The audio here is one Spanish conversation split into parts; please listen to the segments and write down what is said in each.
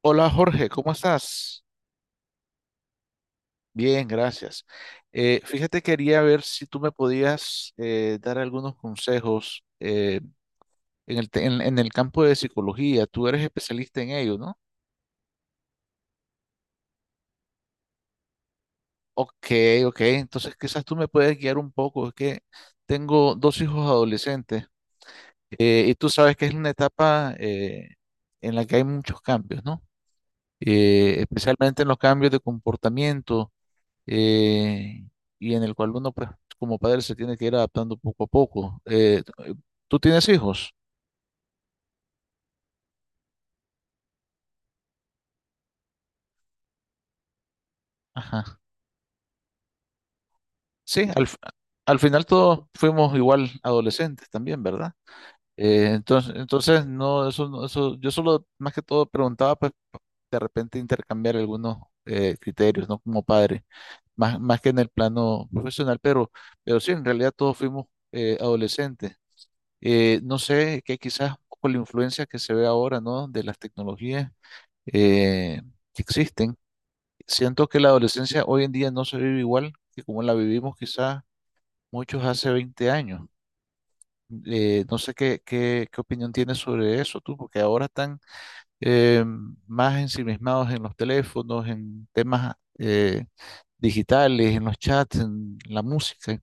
Hola Jorge, ¿cómo estás? Bien, gracias. Fíjate, quería ver si tú me podías dar algunos consejos en en el campo de psicología. Tú eres especialista en ello, ¿no? Ok, ok. Entonces quizás tú me puedes guiar un poco. Es que tengo dos hijos adolescentes, y tú sabes que es una etapa, en la que hay muchos cambios, ¿no? Especialmente en los cambios de comportamiento, eh, y en el cual uno, pues, como padre, se tiene que ir adaptando poco a poco. ¿Tú tienes hijos? Ajá. Sí, al final todos fuimos igual adolescentes también, ¿verdad? Entonces, no, eso, eso, yo solo más que todo preguntaba, pues, de repente intercambiar algunos criterios, ¿no? Como padre, más que en el plano profesional, pero sí, en realidad todos fuimos adolescentes. No sé, que quizás con la influencia que se ve ahora, ¿no? De las tecnologías eh, que existen. Siento que la adolescencia hoy en día no se vive igual que como la vivimos quizás muchos hace 20 años. No sé qué opinión tienes sobre eso tú, porque ahora están eh, más ensimismados en los teléfonos, en temas digitales, en los chats, en la música,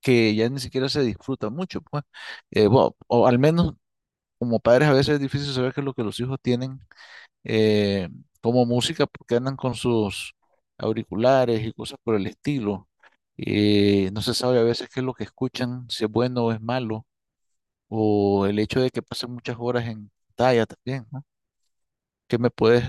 que ya ni siquiera se disfruta mucho, pues. Bueno, o al menos como padres a veces es difícil saber qué es lo que los hijos tienen eh, como música porque andan con sus auriculares y cosas por el estilo. No se sabe a veces qué es lo que escuchan, si es bueno o es malo, o el hecho de que pasen muchas horas en pantalla también, ¿no? Que me puedes...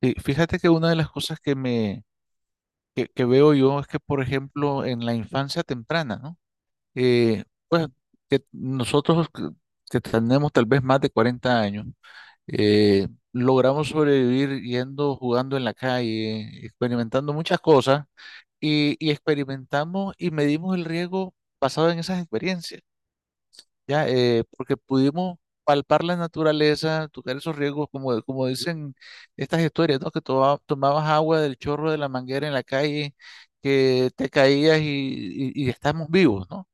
Fíjate que una de las cosas que que veo yo es que, por ejemplo, en la infancia temprana, ¿no? Pues que nosotros que tenemos tal vez más de 40 años. Logramos sobrevivir yendo, jugando en la calle, experimentando muchas cosas y experimentamos y medimos el riesgo basado en esas experiencias, ¿ya? Porque pudimos palpar la naturaleza, tocar esos riesgos, como, como dicen estas historias, ¿no? Que tomabas agua del chorro de la manguera en la calle, que te caías y estamos vivos, ¿no?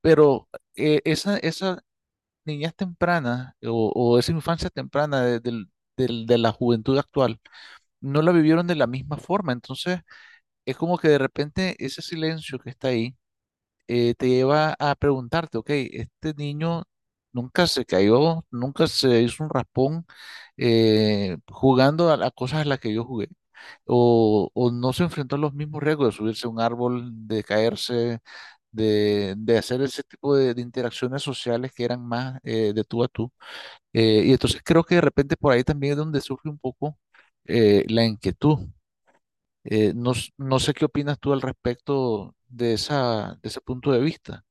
Pero, eh, niñez temprana o esa infancia temprana de la juventud actual no la vivieron de la misma forma. Entonces, es como que de repente ese silencio que está ahí te lleva a preguntarte, ok, este niño nunca se cayó, nunca se hizo un raspón jugando a las cosas a las que yo jugué. O no se enfrentó a los mismos riesgos de subirse a un árbol, de caerse, de hacer ese tipo de interacciones sociales que eran más de tú a tú. Y entonces creo que de repente por ahí también es donde surge un poco la inquietud. No sé qué opinas tú al respecto de esa, de ese punto de vista.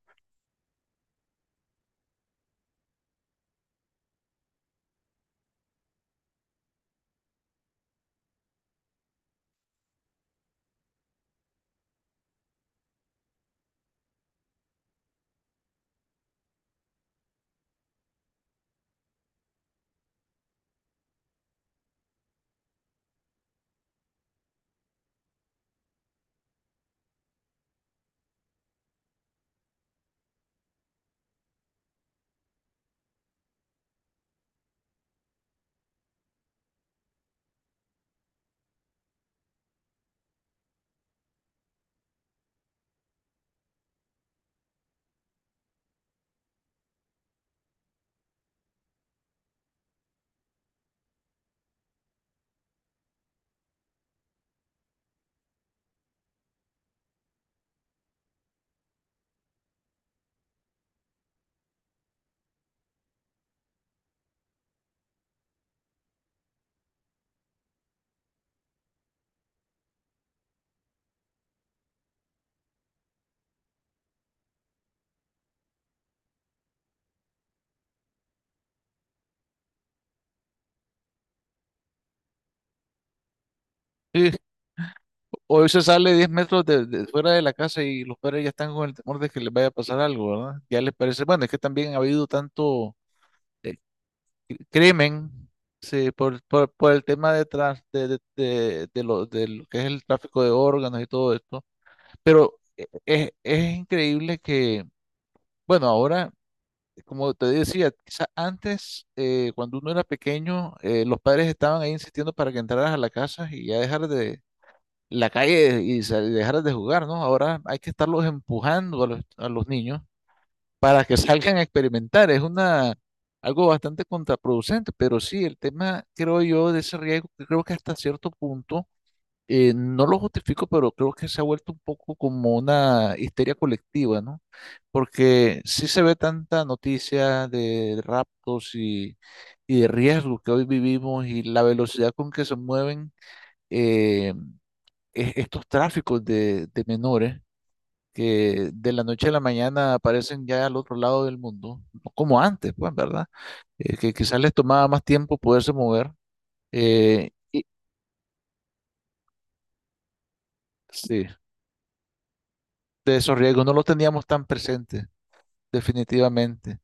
Sí, hoy se sale 10 metros de fuera de la casa y los padres ya están con el temor de que les vaya a pasar algo, ¿verdad? Ya les parece, bueno, es que también ha habido tanto, eh, crimen. Sí, por el tema de, trans- de lo que es el tráfico de órganos y todo esto. Pero es increíble que, bueno, ahora... como te decía, quizás antes, cuando uno era pequeño, los padres estaban ahí insistiendo para que entraras a la casa y ya dejar de la calle y dejaras de jugar, ¿no? Ahora hay que estarlos empujando a a los niños para que salgan a experimentar. Es una, algo bastante contraproducente, pero sí, el tema, creo yo, de ese riesgo, que creo que hasta cierto punto no lo justifico, pero creo que se ha vuelto un poco como una histeria colectiva, ¿no? Porque sí se ve tanta noticia de raptos y de riesgos que hoy vivimos y la velocidad con que se mueven eh, estos tráficos de menores que de la noche a la mañana aparecen ya al otro lado del mundo, no como antes, pues, ¿verdad? Que quizás les tomaba más tiempo poderse mover. eh, y sí, de esos riesgos no los teníamos tan presentes. Definitivamente.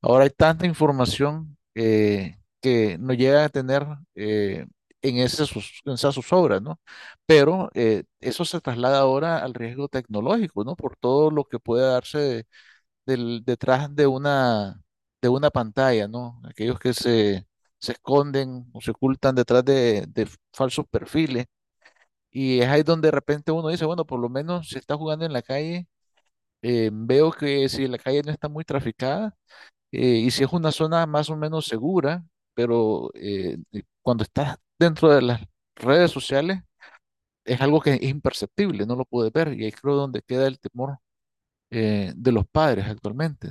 Ahora hay tanta información que nos llega a tener eh, en esas sus obras, ¿no? Pero eso se traslada ahora al riesgo tecnológico, ¿no? Por todo lo que puede darse detrás de una pantalla, ¿no? Aquellos que se esconden o se ocultan detrás de falsos perfiles. Y es ahí donde de repente uno dice, bueno, por lo menos si está jugando en la calle, veo que si la calle no está muy traficada, y si es una zona más o menos segura, pero cuando estás dentro de las redes sociales, es algo que es imperceptible, no lo puedes ver. Y ahí creo donde queda el temor de los padres actualmente.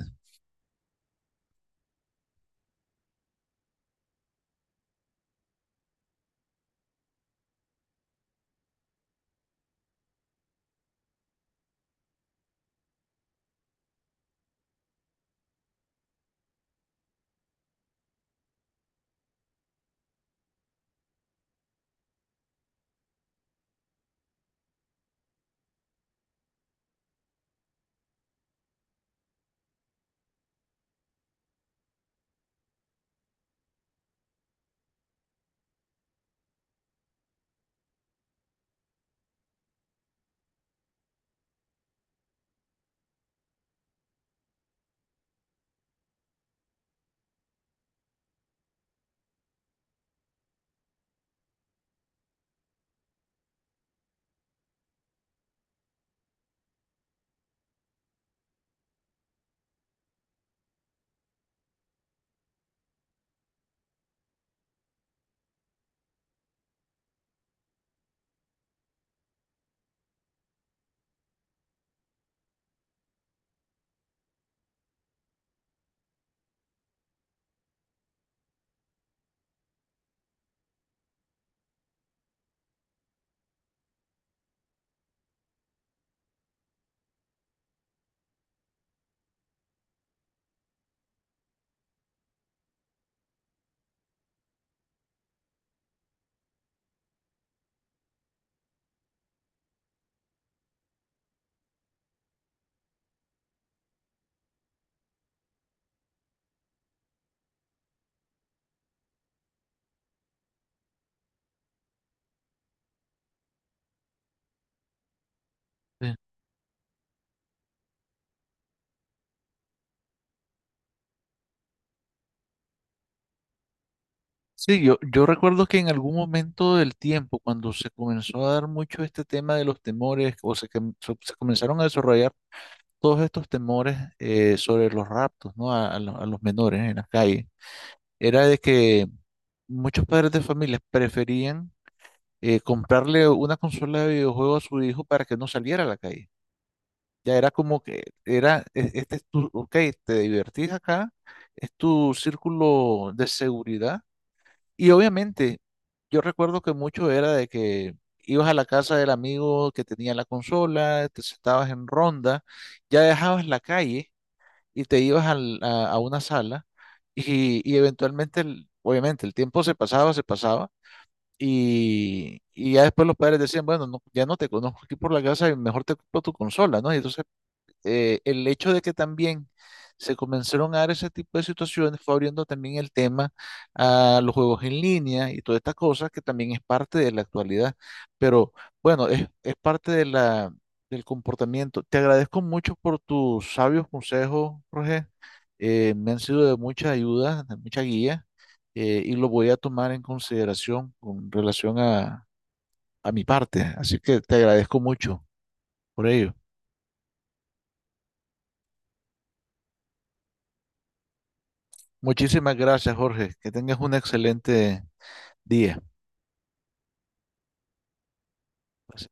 Sí, sí, yo recuerdo que en algún momento del tiempo, cuando se comenzó a dar mucho este tema de los temores, o se, com- se- se comenzaron a desarrollar todos estos temores sobre los raptos, ¿no? A, a los menores en las calles, era de que muchos padres de familias preferían comprarle una consola de videojuegos a su hijo para que no saliera a la calle. Ya era como que era, este es tu, ok, te divertís acá, es tu círculo de seguridad. Y obviamente, yo recuerdo que mucho era de que ibas a la casa del amigo que tenía la consola, te sentabas en ronda, ya dejabas la calle y te ibas a una sala y eventualmente, obviamente, el tiempo se pasaba y ya después los padres decían, bueno, no, ya no te conozco aquí por la casa y mejor te compro tu consola, ¿no? Y entonces el hecho de que también se comenzaron a dar ese tipo de situaciones fue abriendo también el tema a los juegos en línea y todas estas cosas que también es parte de la actualidad. Pero bueno, es parte de la, del comportamiento. Te agradezco mucho por tus sabios consejos, Roger. Me han sido de mucha ayuda, de mucha guía, y lo voy a tomar en consideración con relación a mi parte. Así que te agradezco mucho por ello. Muchísimas gracias, Jorge. Que tengas un excelente día. Pues,